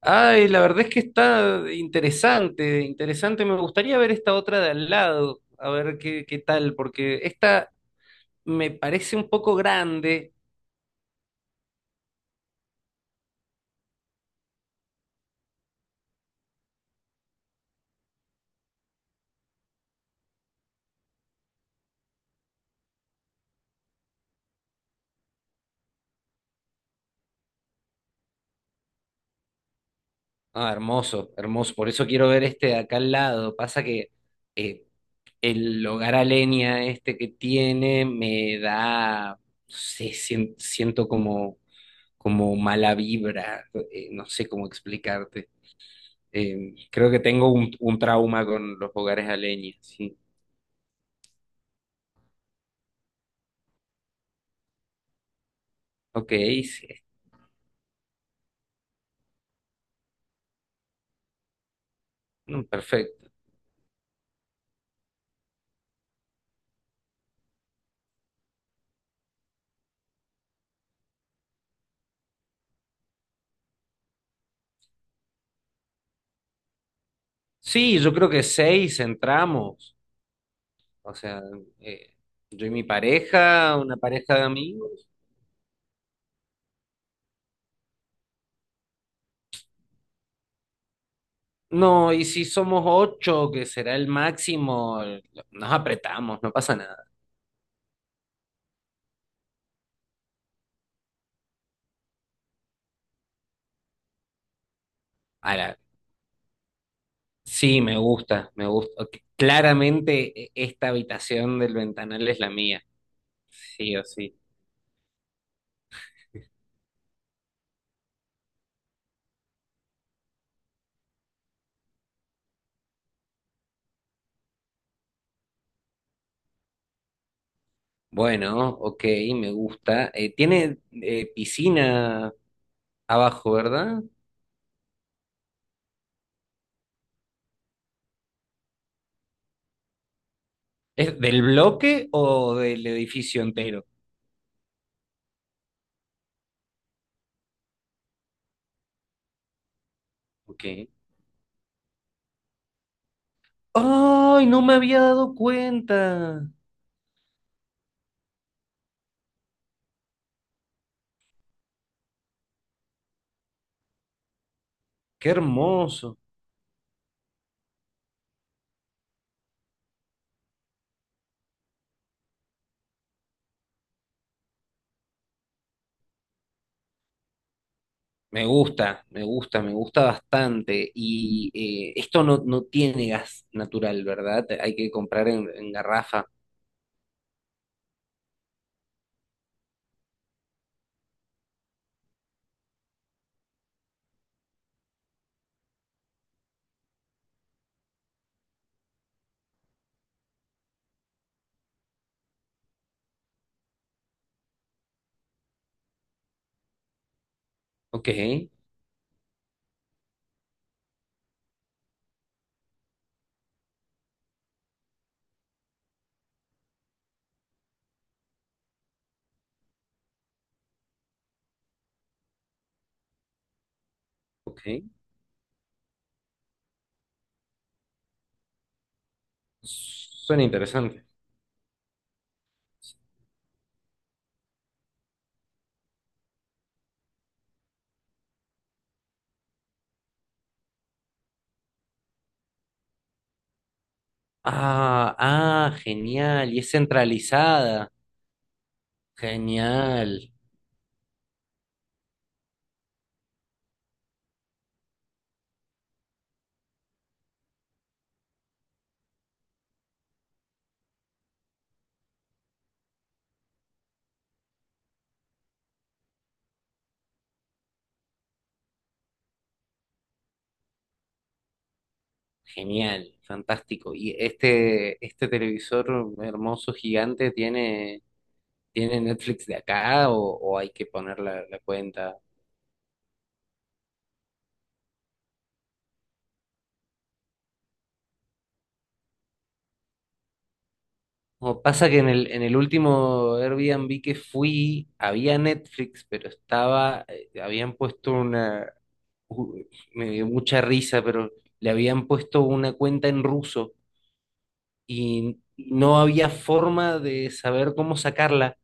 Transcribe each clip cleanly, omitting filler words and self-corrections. Ay, la verdad es que está interesante, interesante. Me gustaría ver esta otra de al lado, a ver qué tal, porque esta me parece un poco grande. Ah, hermoso, hermoso. Por eso quiero ver este de acá al lado. Pasa que eh, el hogar a leña este que tiene me da, no sé, siento como, como mala vibra. No sé cómo explicarte. Creo que tengo un trauma con los hogares a leña, sí. Ok, sí. Mm, perfecto. Sí, yo creo que seis entramos. O sea, eh, yo y mi pareja, una pareja de amigos. No, y si somos ocho, que será el máximo, nos apretamos, no pasa nada. Ahora, sí, me gusta, me gusta. Ok, claramente esta habitación del ventanal es la mía, sí o sí. Bueno, ok, me gusta. Tiene piscina abajo, ¿verdad? ¿Es del bloque o del edificio entero? Ok. ¡Ay, no me había dado cuenta! ¡Qué hermoso! Me gusta, me gusta, me gusta bastante. Y esto no, no tiene gas natural, ¿verdad? Hay que comprar en garrafa. Ok, ok. Suena interesante. Ah, ah, genial. Y es centralizada. Genial, genial, fantástico. Y este televisor hermoso, gigante, tiene tiene Netflix de acá o hay que poner la cuenta. No, pasa que en en el último Airbnb que fui había Netflix, pero estaba, habían puesto una, u- me dio mucha risa, pero le habían puesto una cuenta en ruso y no había forma de saber cómo sacarla.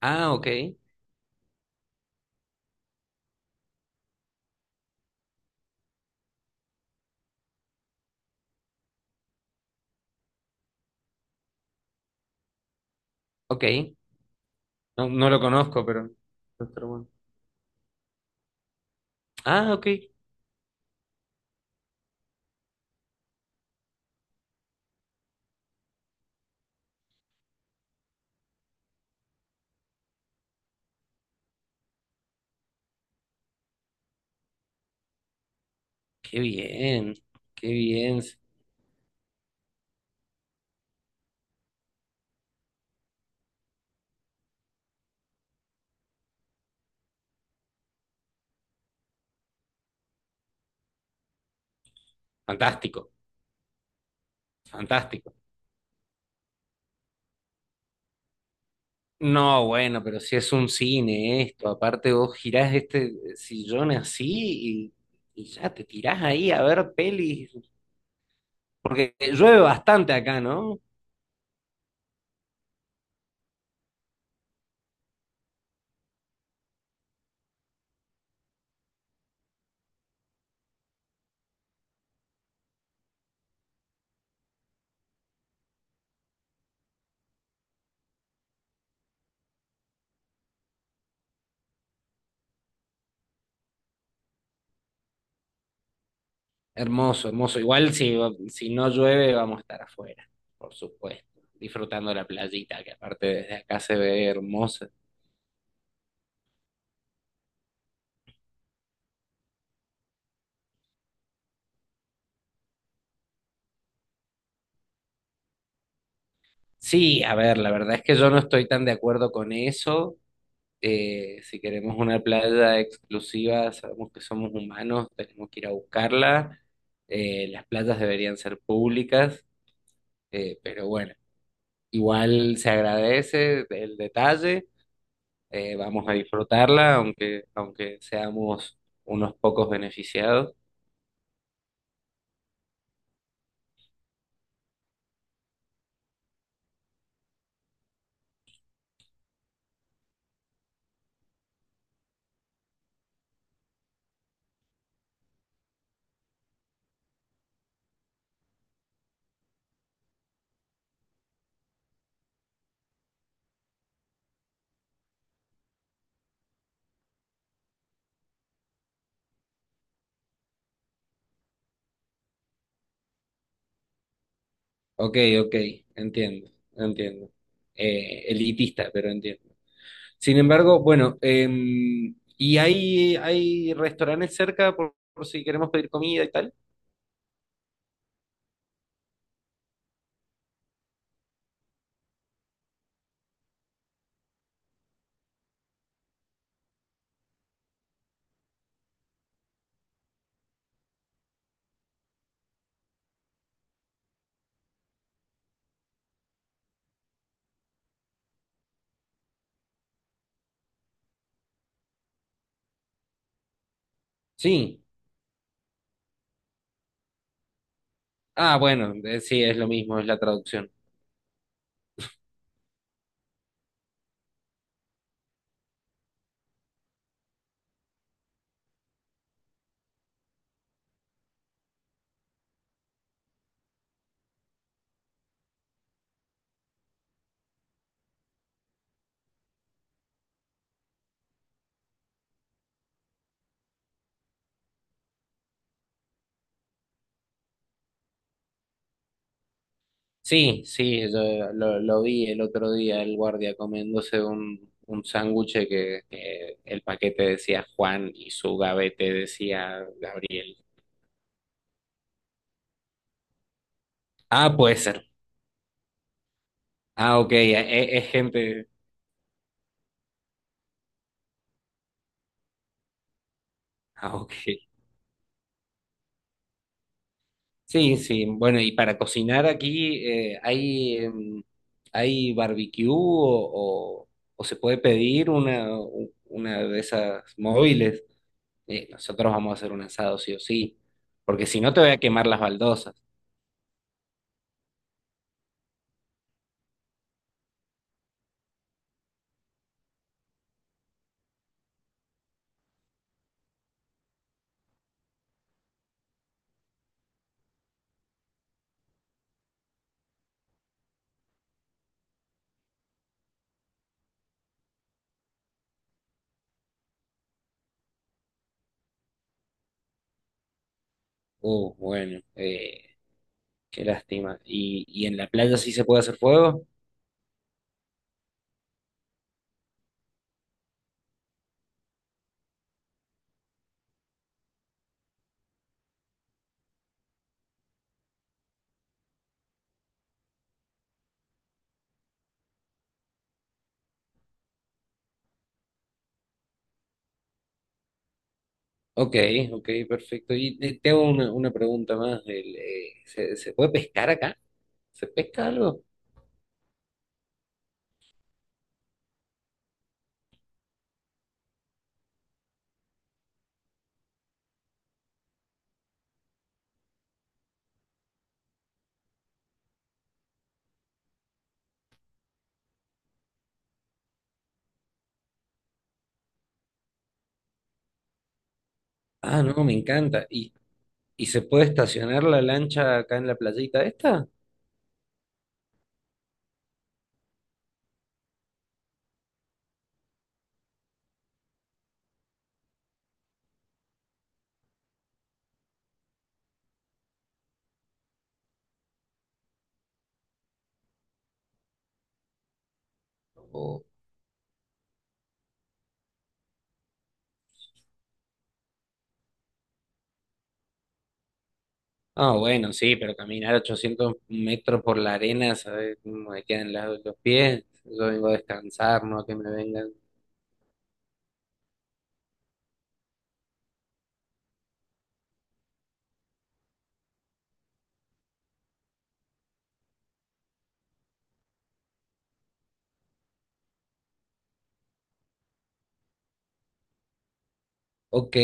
Ah, ok, ok. No, no lo conozco, pero bueno. Ah, ok. Qué bien, qué bien. Fantástico, fantástico. No, bueno, pero si es un cine esto, aparte vos girás este sillón así y ya te tirás ahí a ver pelis, porque llueve bastante acá, ¿no? Hermoso, hermoso. Igual si, si no llueve vamos a estar afuera, por supuesto, disfrutando la playita, que aparte desde acá se ve hermosa. Sí, a ver, la verdad es que yo no estoy tan de acuerdo con eso. Si queremos una playa exclusiva, sabemos que somos humanos, tenemos que ir a buscarla. Las playas deberían ser públicas, pero bueno, igual se agradece el detalle. Vamos a disfrutarla, aunque, aunque seamos unos pocos beneficiados. Ok, ok, entiendo, entiendo. Elitista, pero entiendo. Sin embargo, bueno, ¿y hay restaurantes cerca por si queremos pedir comida y tal? Sí, ah, bueno, sí, es lo mismo, es la traducción. Sí, sí, yo lo vi el otro día, el guardia comiéndose un sándwich que el paquete decía Juan y su gavete decía Gabriel. Ah, puede ser. Ah, ok, es, gente. Ah, ok. Sí, sí, bueno, y para cocinar aquí, ¿hay, hay barbecue o se puede pedir una de esas móviles? Nosotros vamos a hacer un asado sí o sí, porque si no te voy a quemar las baldosas. Bueno, qué lástima. Y en la playa sí se puede hacer fuego? Ok, ok, perfecto. Y tengo una pregunta más. El, ¿se, se puede pescar acá? ¿Se pesca algo? Ah, no, me encanta. Y se puede estacionar la lancha acá en la playita esta? O- Ah, bueno, sí, pero caminar 800 metros por la arena, ¿sabes cómo me quedan los pies? Yo vengo a descansar, no a que me vengan. Ok,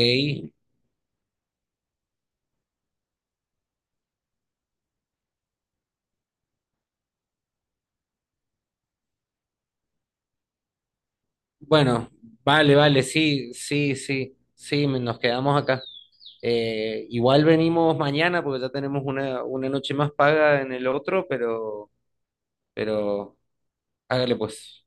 bueno, vale, vale, sí, sí, sí, sí, nos quedamos acá. Igual venimos mañana porque ya tenemos una noche más paga en el otro, pero hágale pues.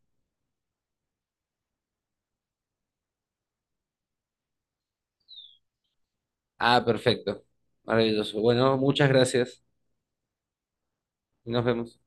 Ah, perfecto, maravilloso. Bueno, muchas gracias y nos vemos.